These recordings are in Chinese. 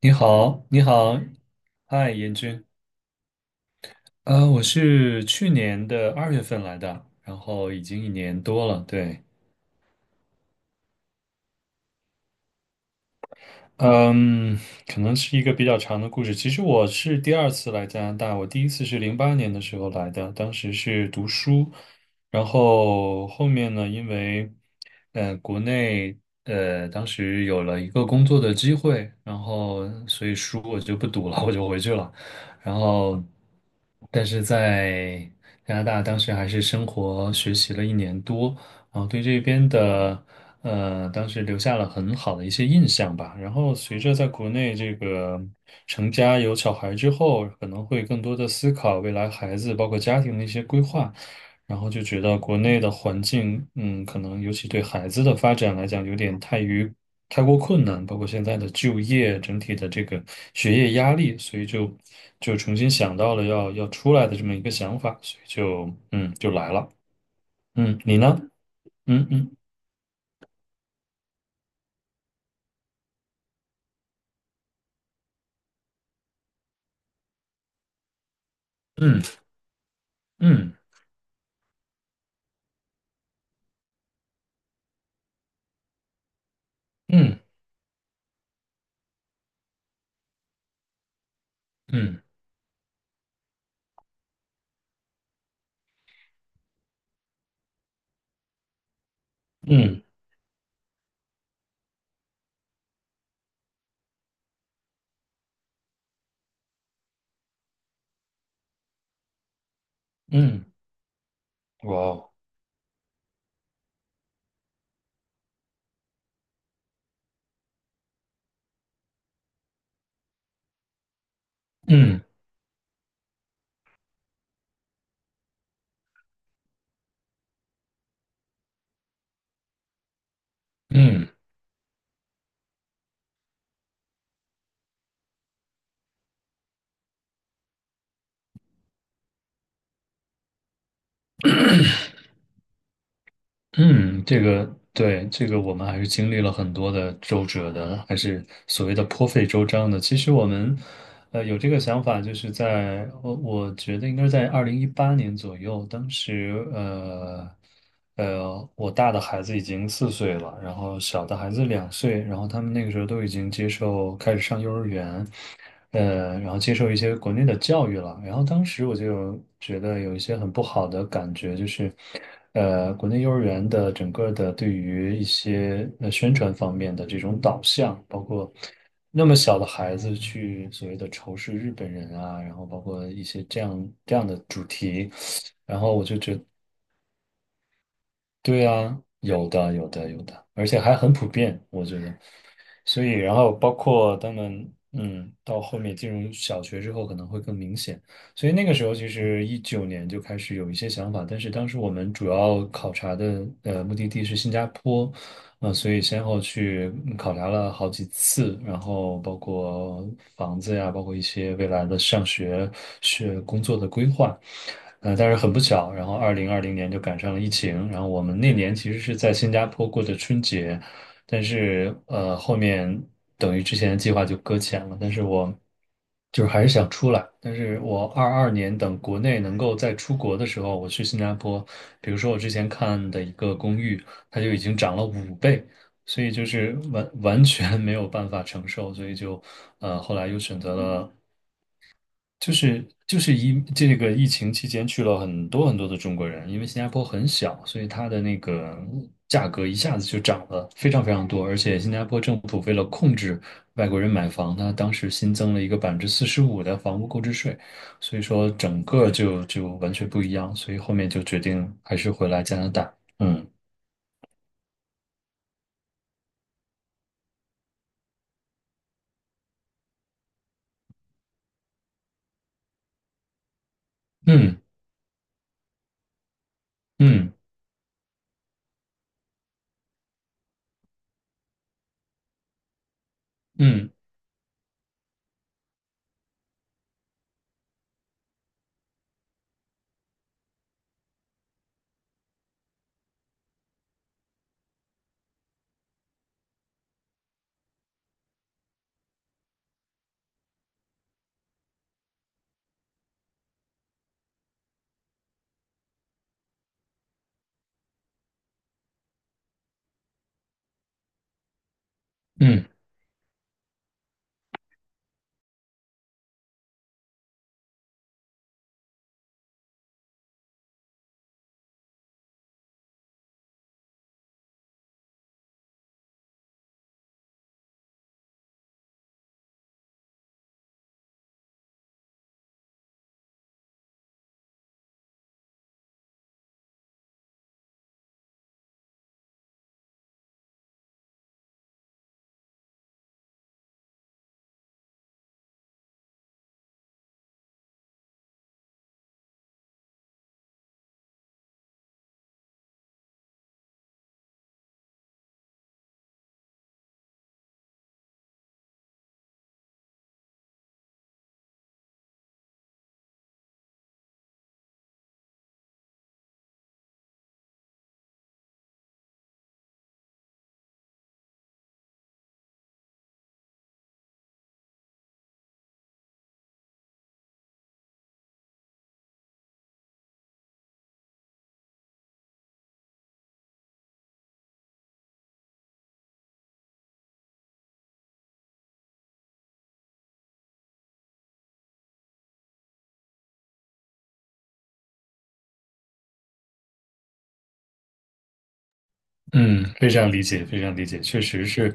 你好，你好，嗨，严军，我是去年的2月份来的，然后已经一年多了，对。嗯，可能是一个比较长的故事。其实我是第二次来加拿大，我第一次是08年的时候来的，当时是读书，然后后面呢，因为国内当时有了一个工作的机会，然后所以书我就不读了，我就回去了。然后，但是在加拿大当时还是生活学习了一年多，然后对这边的。当时留下了很好的一些印象吧。然后随着在国内这个成家有小孩之后，可能会更多的思考未来孩子包括家庭的一些规划，然后就觉得国内的环境，可能尤其对孩子的发展来讲，有点太过困难，包括现在的就业，整体的这个学业压力，所以就重新想到了要出来的这么一个想法，所以就来了。嗯，你呢？嗯嗯嗯嗯嗯。嗯嗯嗯，哇哦，嗯嗯嗯，这个对，这个我们还是经历了很多的周折的，还是所谓的颇费周章的。其实我们，有这个想法，就是在我觉得应该是在2018年左右，当时我大的孩子已经4岁了，然后小的孩子2岁，然后他们那个时候都已经接受开始上幼儿园，然后接受一些国内的教育了。然后当时我就觉得有一些很不好的感觉，就是，国内幼儿园的整个的对于一些宣传方面的这种导向，包括那么小的孩子去所谓的仇视日本人啊，然后包括一些这样的主题，然后我就觉对啊，有的，有的，有的，而且还很普遍，我觉得。所以，然后包括他们，到后面进入小学之后可能会更明显。所以那个时候，其实19年就开始有一些想法，但是当时我们主要考察的目的地是新加坡，所以先后去考察了好几次，然后包括房子呀，包括一些未来的上学、工作的规划。但是很不巧，然后2020年就赶上了疫情，然后我们那年其实是在新加坡过的春节，但是后面等于之前的计划就搁浅了，但是我就是还是想出来，但是我22年等国内能够再出国的时候，我去新加坡，比如说我之前看的一个公寓。它就已经涨了5倍，所以就是完全没有办法承受，所以就后来又选择了，就是这个疫情期间去了很多很多的中国人，因为新加坡很小，所以它的那个价格一下子就涨了非常非常多，而且新加坡政府为了控制外国人买房，它当时新增了一个45%的房屋购置税，所以说整个就完全不一样，所以后面就决定还是回来加拿大，嗯嗯嗯。嗯嗯嗯，非常理解，非常理解，确实是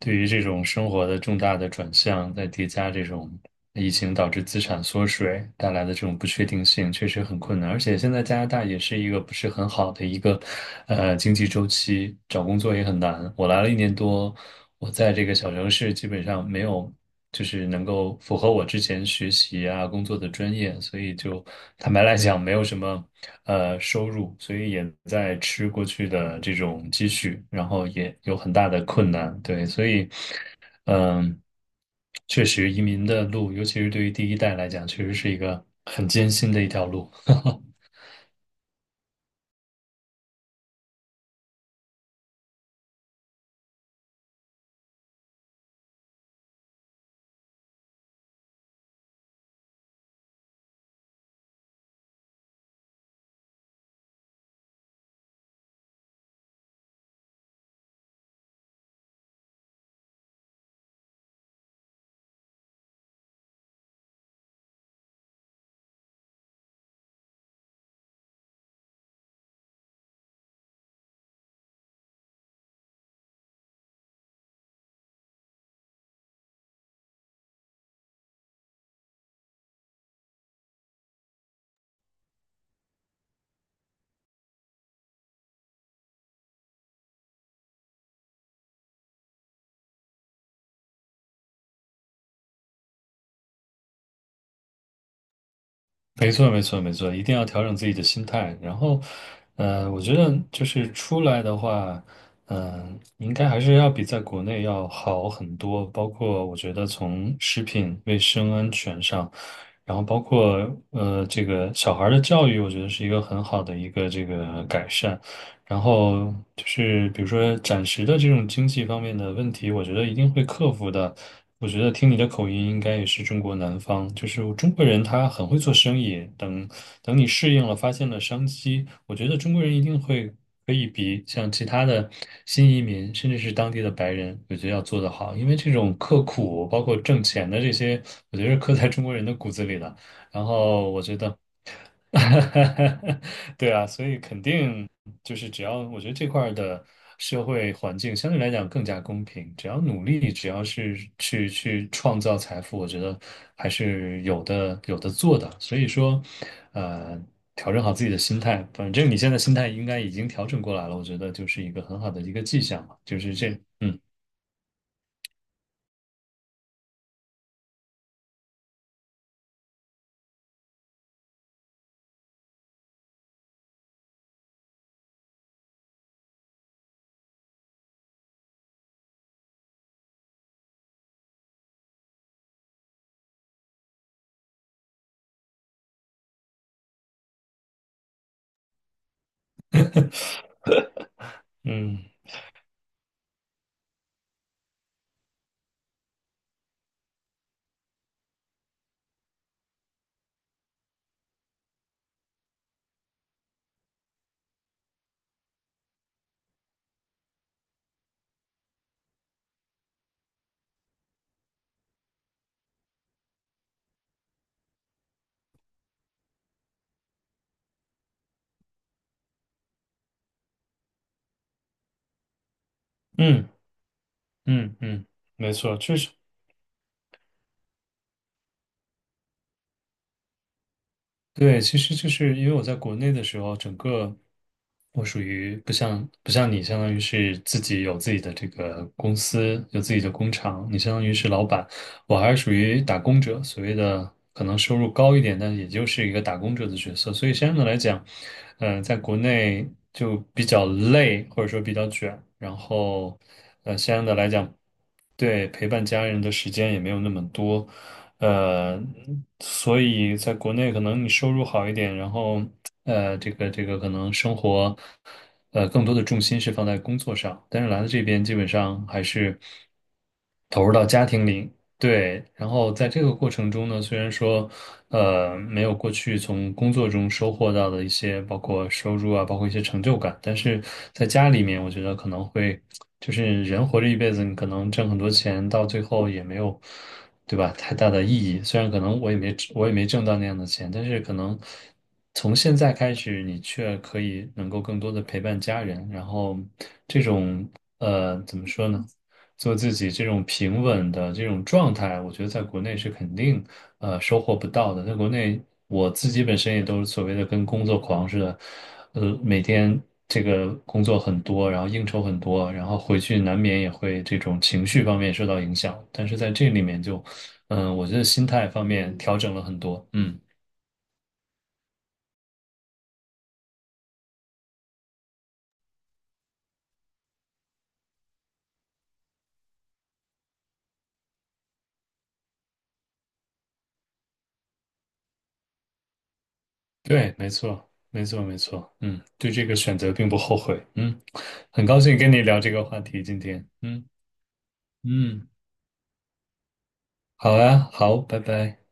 对于这种生活的重大的转向，在叠加这种疫情导致资产缩水带来的这种不确定性，确实很困难。而且现在加拿大也是一个不是很好的一个经济周期，找工作也很难。我来了一年多，我在这个小城市基本上没有。就是能够符合我之前学习啊、工作的专业，所以就坦白来讲，没有什么收入，所以也在吃过去的这种积蓄，然后也有很大的困难，对，所以嗯，确实移民的路，尤其是对于第一代来讲，确实是一个很艰辛的一条路。没错，没错，没错，一定要调整自己的心态。然后，我觉得就是出来的话，应该还是要比在国内要好很多。包括我觉得从食品卫生安全上，然后包括这个小孩儿的教育，我觉得是一个很好的一个这个改善。然后就是比如说暂时的这种经济方面的问题，我觉得一定会克服的。我觉得听你的口音，应该也是中国南方，就是中国人他很会做生意。等你适应了，发现了商机，我觉得中国人一定会可以比像其他的新移民，甚至是当地的白人，我觉得要做得好。因为这种刻苦，包括挣钱的这些，我觉得是刻在中国人的骨子里的。然后我觉得。对啊，所以肯定。就是只要我觉得这块儿的社会环境相对来讲更加公平，只要努力，只要是去创造财富，我觉得还是有的做的。所以说，呃，调整好自己的心态，反正你现在心态应该已经调整过来了，我觉得就是一个很好的一个迹象嘛，就是这，嗯嗯嗯嗯嗯，没错，确实。对，其实就是因为我在国内的时候，整个我属于不像你，相当于是自己有自己的这个公司，有自己的工厂，你相当于是老板，我还是属于打工者，所谓的可能收入高一点，但也就是一个打工者的角色。所以相应的来讲，在国内就比较累，或者说比较卷，然后相应的来讲，对陪伴家人的时间也没有那么多。呃，所以在国内可能你收入好一点，然后这个可能生活，更多的重心是放在工作上，但是来了这边基本上还是投入到家庭里，对，然后在这个过程中呢，虽然说没有过去从工作中收获到的一些，包括收入啊，包括一些成就感。但是在家里面，我觉得可能会，就是人活着一辈子，你可能挣很多钱，到最后也没有，对吧？太大的意义。虽然可能我也没挣到那样的钱，但是可能从现在开始，你却可以能够更多的陪伴家人，然后这种怎么说呢？做自己这种平稳的这种状态，我觉得在国内是肯定收获不到的。在国内，我自己本身也都是所谓的跟工作狂似的，每天这个工作很多，然后应酬很多，然后回去难免也会这种情绪方面受到影响。但是在这里面就，我觉得心态方面调整了很多。嗯，对，没错，没错，没错。嗯，对这个选择并不后悔。嗯，很高兴跟你聊这个话题今天。嗯嗯。好啊，好，拜拜。